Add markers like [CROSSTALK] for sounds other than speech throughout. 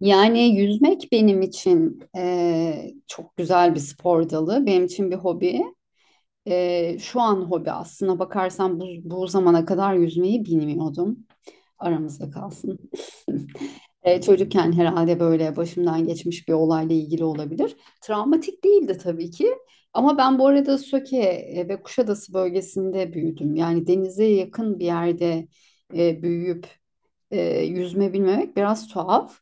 Yani yüzmek benim için çok güzel bir spor dalı. Benim için bir hobi. Şu an hobi aslına bakarsan bu zamana kadar yüzmeyi bilmiyordum. Aramızda kalsın. Çocukken herhalde böyle başımdan geçmiş bir olayla ilgili olabilir. Travmatik değildi tabii ki. Ama ben bu arada Söke ve Kuşadası bölgesinde büyüdüm. Yani denize yakın bir yerde büyüyüp yüzme bilmemek biraz tuhaf.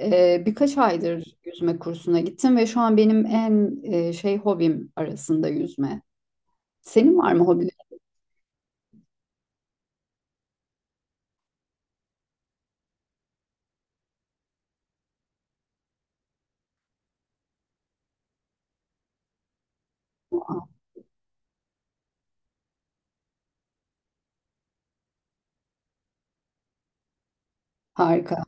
Birkaç aydır yüzme kursuna gittim ve şu an benim en hobim arasında yüzme. Senin var mı hobilerin? Harika.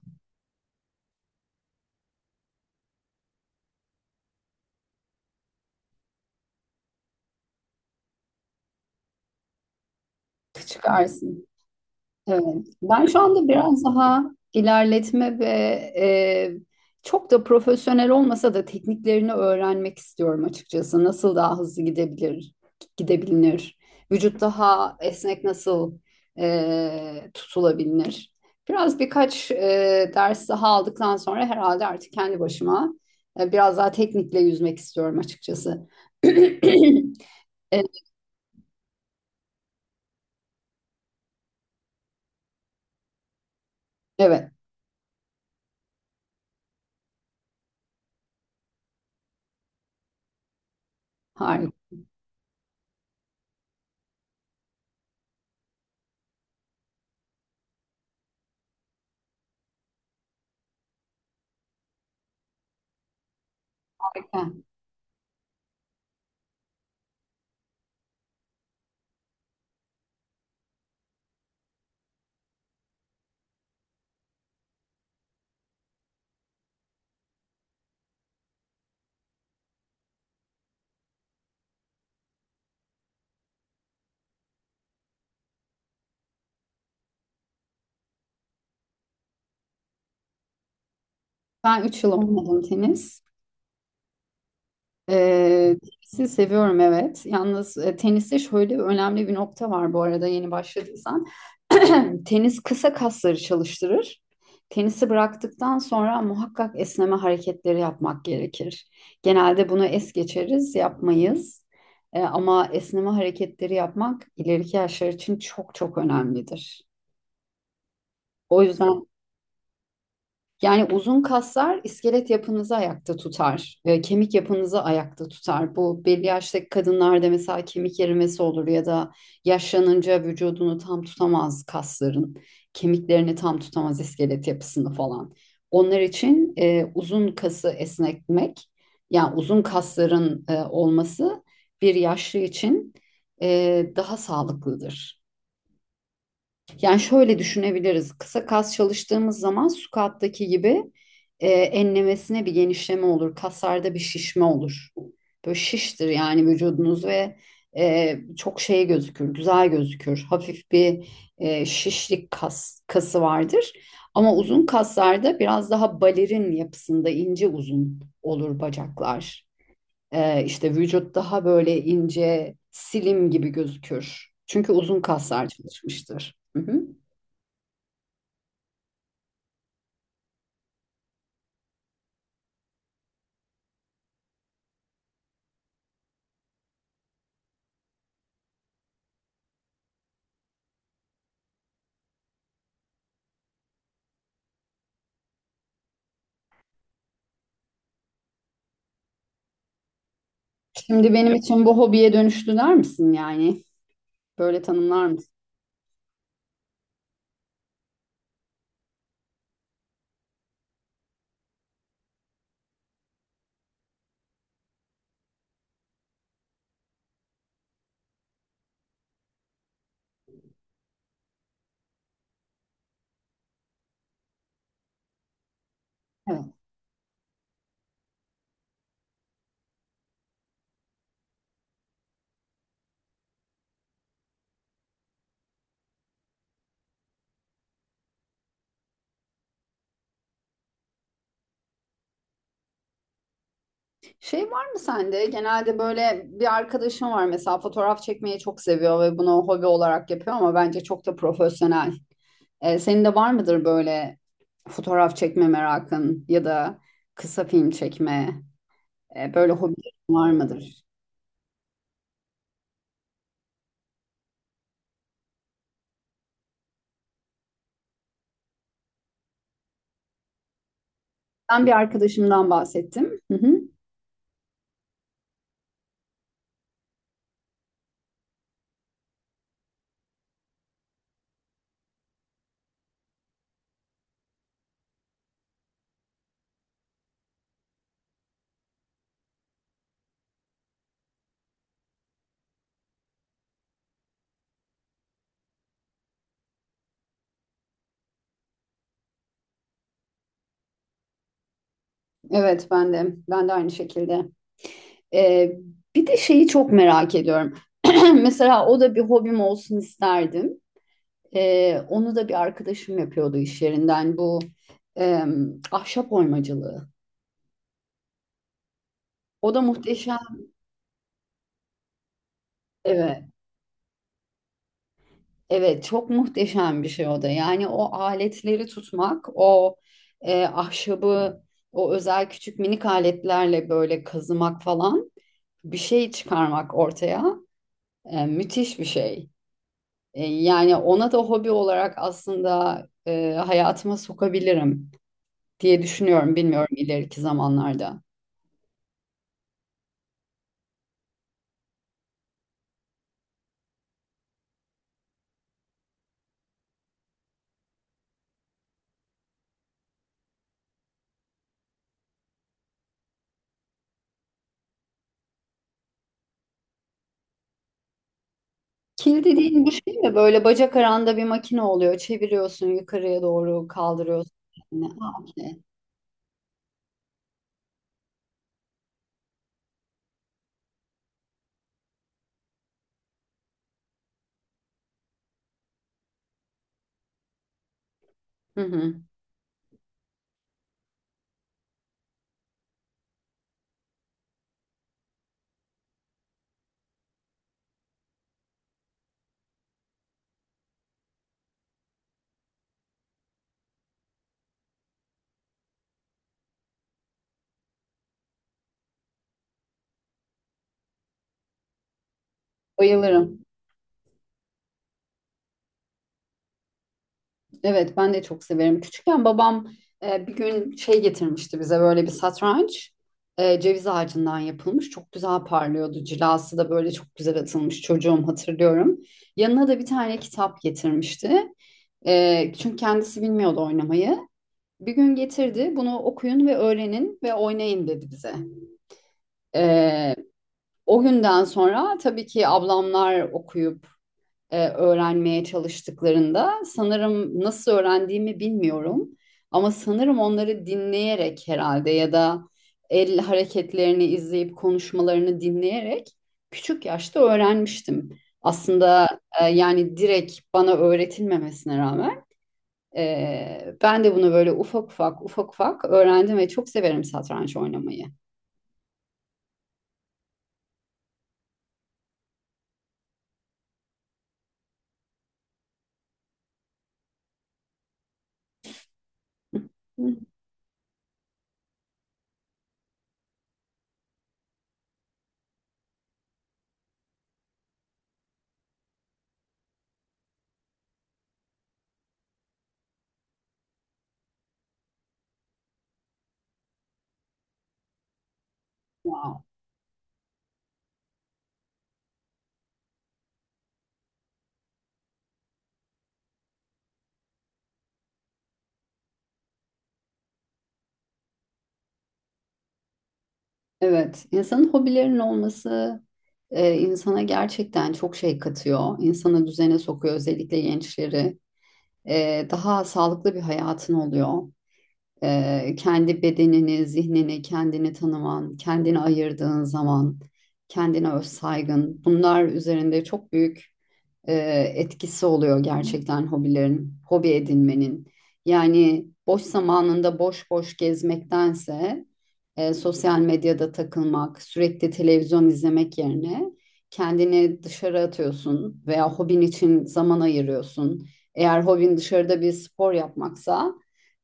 Çıkarsın. Evet. Ben şu anda biraz daha ilerletme ve e, çok da profesyonel olmasa da tekniklerini öğrenmek istiyorum açıkçası. Nasıl daha hızlı gidebilir, vücut daha esnek nasıl tutulabilir? Birkaç ders daha aldıktan sonra herhalde artık kendi başıma biraz daha teknikle yüzmek istiyorum açıkçası. [CLEARS THROAT] E, Evet, harika. Ben 3 yıl oynadım tenis. Ee, Tenisi seviyorum, evet. Yalnız teniste şöyle önemli bir nokta var, bu arada yeni başladıysan. [CLEARS THROAT] Tenis kısa kasları çalıştırır. Tenisi bıraktıktan sonra muhakkak esneme hareketleri yapmak gerekir. Genelde bunu es geçeriz, yapmayız. Ama esneme hareketleri yapmak ileriki yaşlar için çok çok önemlidir. O yüzden yani uzun kaslar iskelet yapınızı ayakta tutar, kemik yapınızı ayakta tutar. Bu belli yaştaki kadınlarda mesela kemik erimesi olur ya da yaşlanınca vücudunu tam tutamaz kasların, kemiklerini tam tutamaz iskelet yapısını falan. Onlar için uzun kası esnetmek, yani uzun kasların olması bir yaşlı için daha sağlıklıdır. Yani şöyle düşünebiliriz. Kısa kas çalıştığımız zaman squat'taki gibi enlemesine bir genişleme olur. Kaslarda bir şişme olur. Böyle şiştir yani vücudunuz ve güzel gözükür. Hafif bir şişlik kası vardır. Ama uzun kaslarda biraz daha balerin yapısında ince uzun olur bacaklar. İşte vücut daha böyle ince, silim gibi gözükür. Çünkü uzun kaslar çalışmıştır. Hı hı. Şimdi benim için bu hobiye dönüştü der misin yani? Böyle tanımlar mısın? Evet. Şey var mı sende? Genelde böyle bir arkadaşım var mesela, fotoğraf çekmeyi çok seviyor ve bunu hobi olarak yapıyor ama bence çok da profesyonel. Senin de var mıdır böyle fotoğraf çekme merakın ya da kısa film çekme böyle hobilerin var mıdır? Ben bir arkadaşımdan bahsettim. Hı hı. Evet, ben de aynı şekilde. Ee, Bir de şeyi çok merak ediyorum. [CLEARS THROAT] Mesela o da bir hobim olsun isterdim. Onu da bir arkadaşım yapıyordu iş yerinden, bu ahşap oymacılığı. O da muhteşem. Evet, evet çok muhteşem bir şey o da. Yani o aletleri tutmak, o ahşabı, o özel küçük minik aletlerle böyle kazımak falan, bir şey çıkarmak ortaya, müthiş bir şey. Yani ona da hobi olarak aslında hayatıma sokabilirim diye düşünüyorum. Bilmiyorum, ileriki zamanlarda. Kil dediğin bu şey mi? Böyle bacak aranda bir makine oluyor. Çeviriyorsun, yukarıya doğru kaldırıyorsun. Yani, ha, okey. Hı hı. Bayılırım. Evet, ben de çok severim. Küçükken babam bir gün şey getirmişti bize, böyle bir satranç. Ceviz ağacından yapılmış. Çok güzel parlıyordu. Cilası da böyle çok güzel atılmış, çocuğum, hatırlıyorum. Yanına da bir tane kitap getirmişti. Çünkü kendisi bilmiyordu oynamayı. Bir gün getirdi. Bunu okuyun ve öğrenin ve oynayın dedi bize. E, O günden sonra tabii ki ablamlar okuyup öğrenmeye çalıştıklarında, sanırım nasıl öğrendiğimi bilmiyorum ama sanırım onları dinleyerek herhalde ya da el hareketlerini izleyip konuşmalarını dinleyerek küçük yaşta öğrenmiştim. Aslında yani direkt bana öğretilmemesine rağmen ben de bunu böyle ufak ufak ufak ufak öğrendim ve çok severim satranç oynamayı. Hı. Wow. Evet, insanın hobilerinin olması insana gerçekten çok şey katıyor. İnsanı düzene sokuyor, özellikle gençleri. Daha sağlıklı bir hayatın oluyor. Kendi bedenini, zihnini, kendini tanıman, kendini ayırdığın zaman, kendine öz saygın. Bunlar üzerinde çok büyük e, etkisi oluyor gerçekten hobilerin, hobi edinmenin. Yani boş zamanında boş boş gezmektense, sosyal medyada takılmak, sürekli televizyon izlemek yerine kendini dışarı atıyorsun veya hobin için zaman ayırıyorsun. Eğer hobin dışarıda bir spor yapmaksa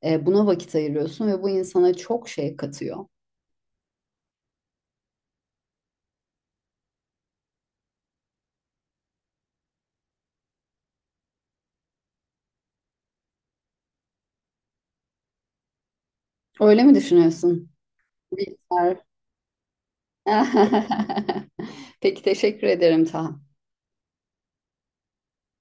buna vakit ayırıyorsun ve bu insana çok şey katıyor. Öyle mi düşünüyorsun? Bilgisayar. [LAUGHS] Peki, teşekkür ederim Taha.